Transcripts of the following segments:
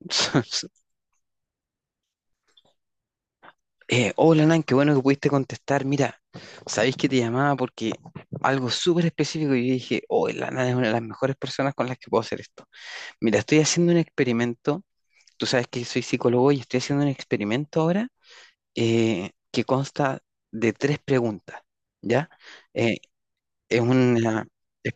Hola Nan, qué bueno que pudiste contestar. Mira, sabéis que te llamaba porque algo súper específico. Yo dije, oh, la Nan es una de las mejores personas con las que puedo hacer esto. Mira, estoy haciendo un experimento. Tú sabes que soy psicólogo y estoy haciendo un experimento ahora que consta de tres preguntas. ¿Ya? Eh, es una, es-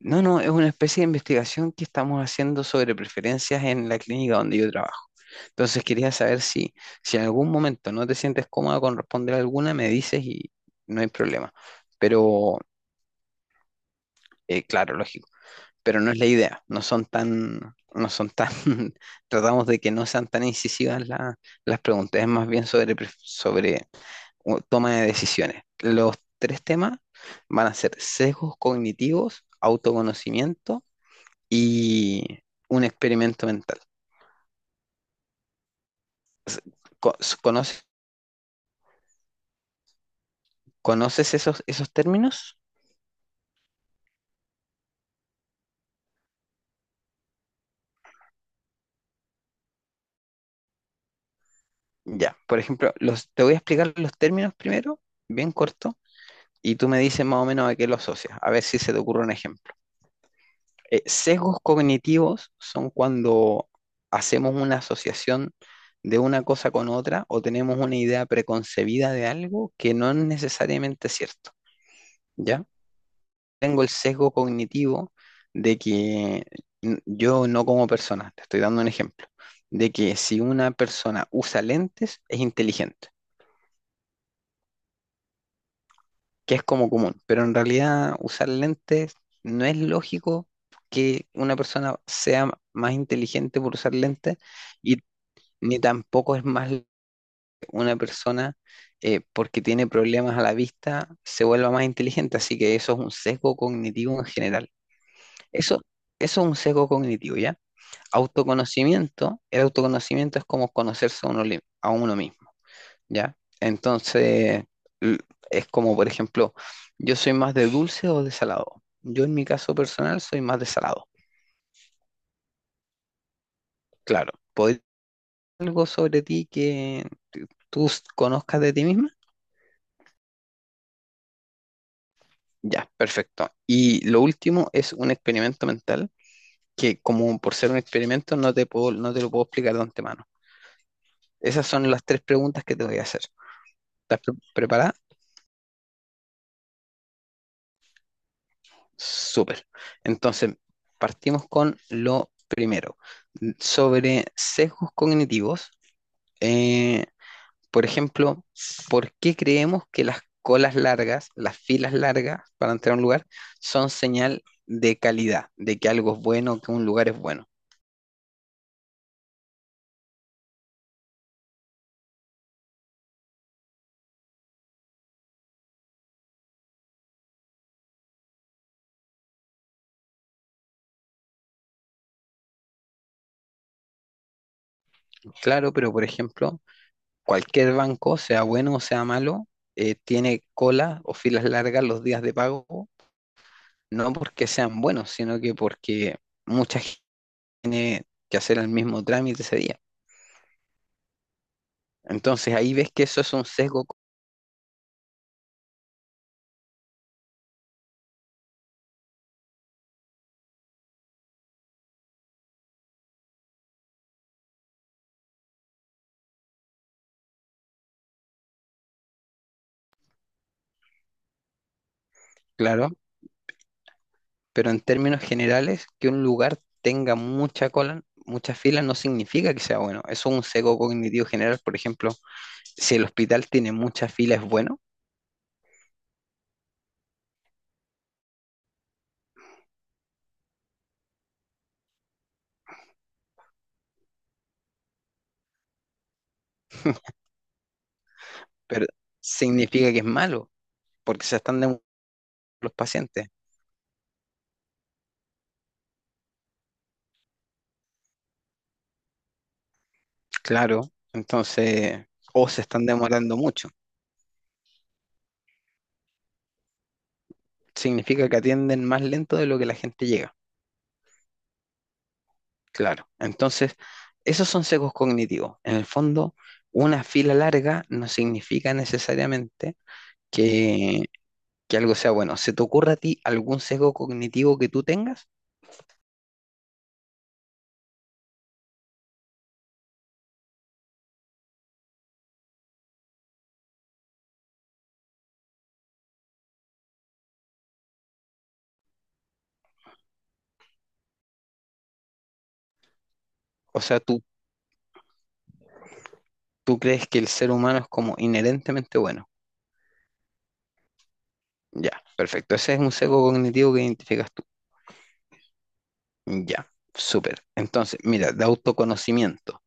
no, no, es una especie de investigación que estamos haciendo sobre preferencias en la clínica donde yo trabajo. Entonces quería saber si, si en algún momento no te sientes cómoda con responder alguna, me dices y no hay problema. Pero, claro, lógico. Pero no es la idea. No son tan, no son tan, tratamos de que no sean tan incisivas las preguntas. Es más bien sobre, sobre toma de decisiones. Los tres temas van a ser sesgos cognitivos, autoconocimiento y un experimento mental. ¿Conoces, conoces esos, esos términos? Ya, por ejemplo, los, te voy a explicar los términos primero, bien corto, y tú me dices más o menos a qué lo asocias, a ver si se te ocurre un ejemplo. Sesgos cognitivos son cuando hacemos una asociación de una cosa con otra o tenemos una idea preconcebida de algo que no es necesariamente cierto, ¿ya? Tengo el sesgo cognitivo de que yo no como persona, te estoy dando un ejemplo, de que si una persona usa lentes es inteligente. Que es como común, pero en realidad usar lentes no es lógico que una persona sea más inteligente por usar lentes y ni tampoco es más una persona porque tiene problemas a la vista se vuelva más inteligente, así que eso es un sesgo cognitivo en general. Eso, eso es un sesgo cognitivo, ¿ya? Autoconocimiento, el autoconocimiento es como conocerse a uno, a uno mismo. ¿Ya? Entonces, l- es como, por ejemplo, yo soy más de dulce o de salado. Yo en mi caso personal soy más de salado. Claro, ¿podría decir algo sobre ti que conozcas de ti misma? Ya, perfecto. Y lo último es un experimento mental que como por ser un experimento no te puedo, no te lo puedo explicar de antemano. Esas son las tres preguntas que te voy a hacer. ¿Estás preparada? Súper. Entonces, partimos con lo primero. Sobre sesgos cognitivos, eh, por ejemplo, ¿por qué creemos que las colas largas, las filas largas para entrar a un lugar, son señal de calidad, de que algo es bueno, que un lugar es bueno? Claro, pero por ejemplo, cualquier banco, sea bueno o sea malo, tiene cola o filas largas los días de pago, no porque sean buenos, sino que porque mucha tiene que hacer el mismo trámite ese día. Entonces ahí ves que eso es un sesgo claro, pero en términos generales, que un lugar tenga mucha cola, muchas filas no significa que sea bueno. Eso es un sesgo cognitivo general. Por ejemplo, si el hospital tiene muchas filas es bueno, pero significa que es malo, porque se están demorando los pacientes. Claro, entonces, o se están demorando mucho. Significa que atienden más lento de lo que la gente llega. Claro, entonces esos son sesgos cognitivos. En el fondo, una fila larga no significa necesariamente que, que algo sea bueno. ¿Se te ocurre a ti algún sesgo cognitivo que tú tengas? O sea, tú crees que el ser humano es como inherentemente bueno. Ya, perfecto. Ese es un sesgo cognitivo que identificas tú. Ya, súper. Entonces, mira, de autoconocimiento.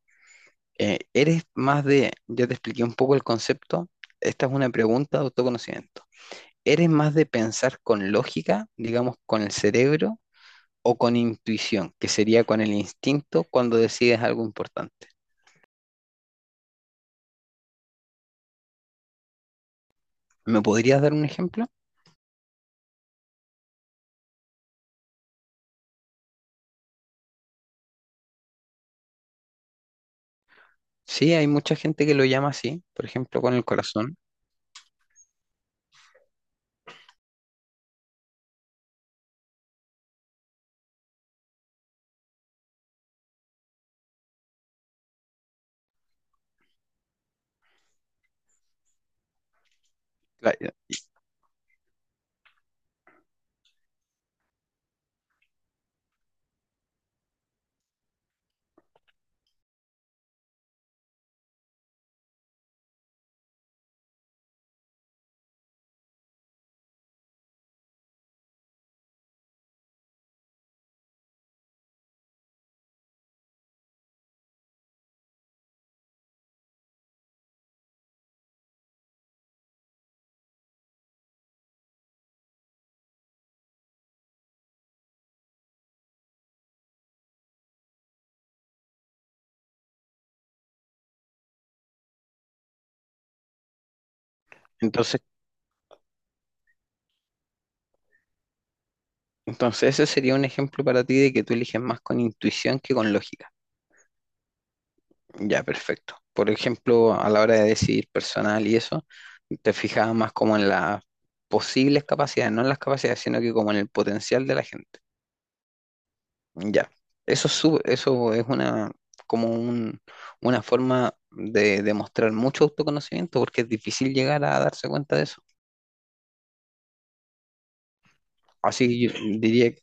¿Eres más de, ya te expliqué un poco el concepto, esta es una pregunta de autoconocimiento. ¿Eres más de pensar con lógica, digamos, con el cerebro, o con intuición, que sería con el instinto cuando decides algo importante? ¿Me podrías dar un ejemplo? Sí, hay mucha gente que lo llama así, por ejemplo, con el corazón. La- Entonces, entonces ese sería un ejemplo para ti de que tú eliges más con intuición que con lógica. Ya, perfecto. Por ejemplo, a la hora de decidir personal y eso, te fijabas más como en las posibles capacidades, no en las capacidades, sino que como en el potencial de la gente. Ya, eso es, eso es una, como una forma de demostrar mucho autoconocimiento porque es difícil llegar a darse cuenta de eso. Así que yo diría,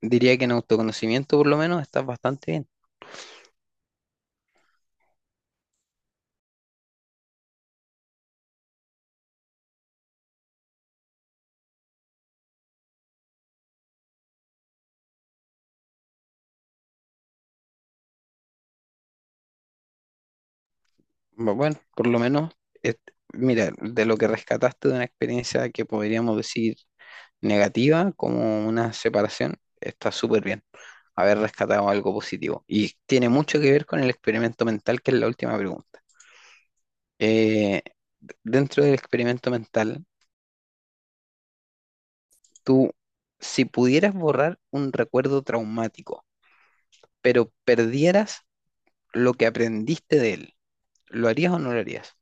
diría que en autoconocimiento por lo menos estás bastante bien. Bueno, por lo menos, et- mira, de lo que rescataste de una experiencia que podríamos decir negativa, como una separación, está súper bien haber rescatado algo positivo. Y tiene mucho que ver con el experimento mental, que es la última pregunta. Eh, dentro del experimento mental, tú, si pudieras borrar un recuerdo traumático, pero perdieras lo que aprendiste de él, ¿lo harías o no lo harías?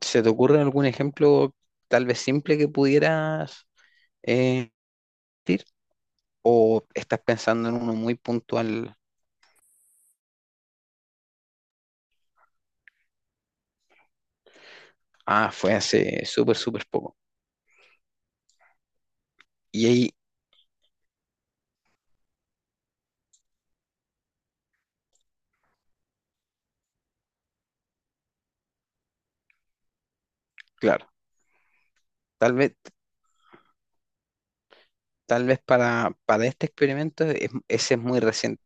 ¿Se te ocurre algún ejemplo tal vez simple que pudieras eh, decir? ¿O estás pensando en uno muy puntual? Ah, fue hace súper, súper poco. Y ahí, claro, tal vez, tal vez para este experimento ese es muy reciente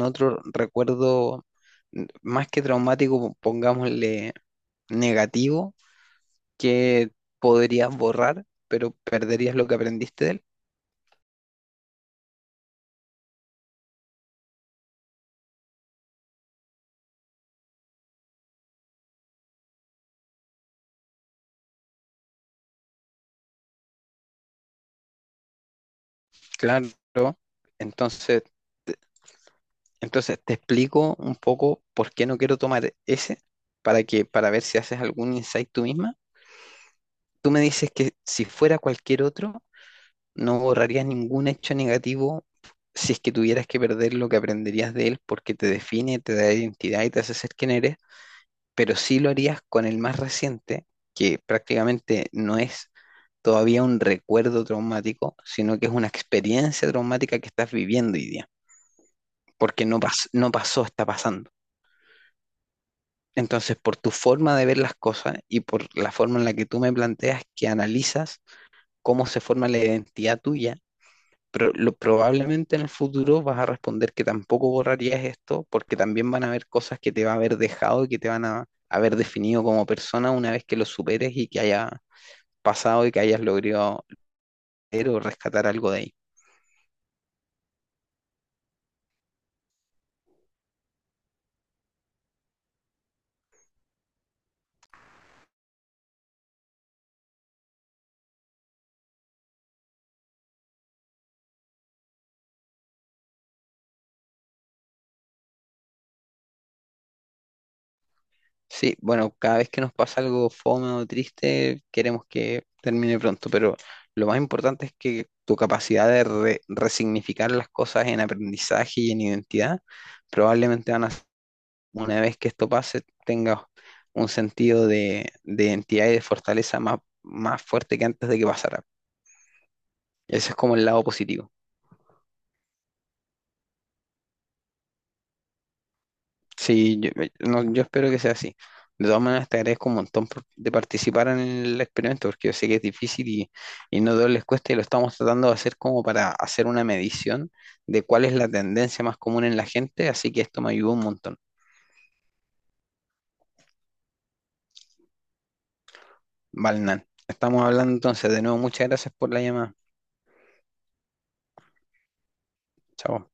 otro recuerdo más que traumático, pongámosle negativo, que podrías borrar, pero perderías lo que aprendiste de él? Claro. Entonces, entonces te explico un poco por qué no quiero tomar ese para que para ver si haces algún insight tú misma. Tú me dices que si fuera cualquier otro no borrarías ningún hecho negativo si es que tuvieras que perder lo que aprenderías de él porque te define, te da identidad y te hace ser quien eres, pero sí lo harías con el más reciente, que prácticamente no es todavía un recuerdo traumático, sino que es una experiencia traumática que estás viviendo hoy día, porque no pasó, está pasando. Entonces, por tu forma de ver las cosas y por la forma en la que tú me planteas que analizas cómo se forma la identidad tuya, pero lo, probablemente en el futuro vas a responder que tampoco borrarías esto, porque también van a haber cosas que te va a haber dejado y que te van a haber definido como persona una vez que lo superes y que haya pasado y que hayas logrado leer o rescatar algo de ahí. Sí, bueno, cada vez que nos pasa algo fome o triste, queremos que termine pronto, pero lo más importante es que tu capacidad de resignificar las cosas en aprendizaje y en identidad probablemente van a una vez que esto pase, tengas un sentido de identidad y de fortaleza más, más fuerte que antes de que pasara. Ese es como el lado positivo. Sí, yo, no, yo espero que sea así. De todas maneras, te agradezco un montón de participar en el experimento, porque yo sé que es difícil y no a todos les cuesta, y lo estamos tratando de hacer como para hacer una medición de cuál es la tendencia más común en la gente, así que esto me ayudó un montón. Valnan. Estamos hablando entonces, de nuevo, muchas gracias por la llamada. Chao.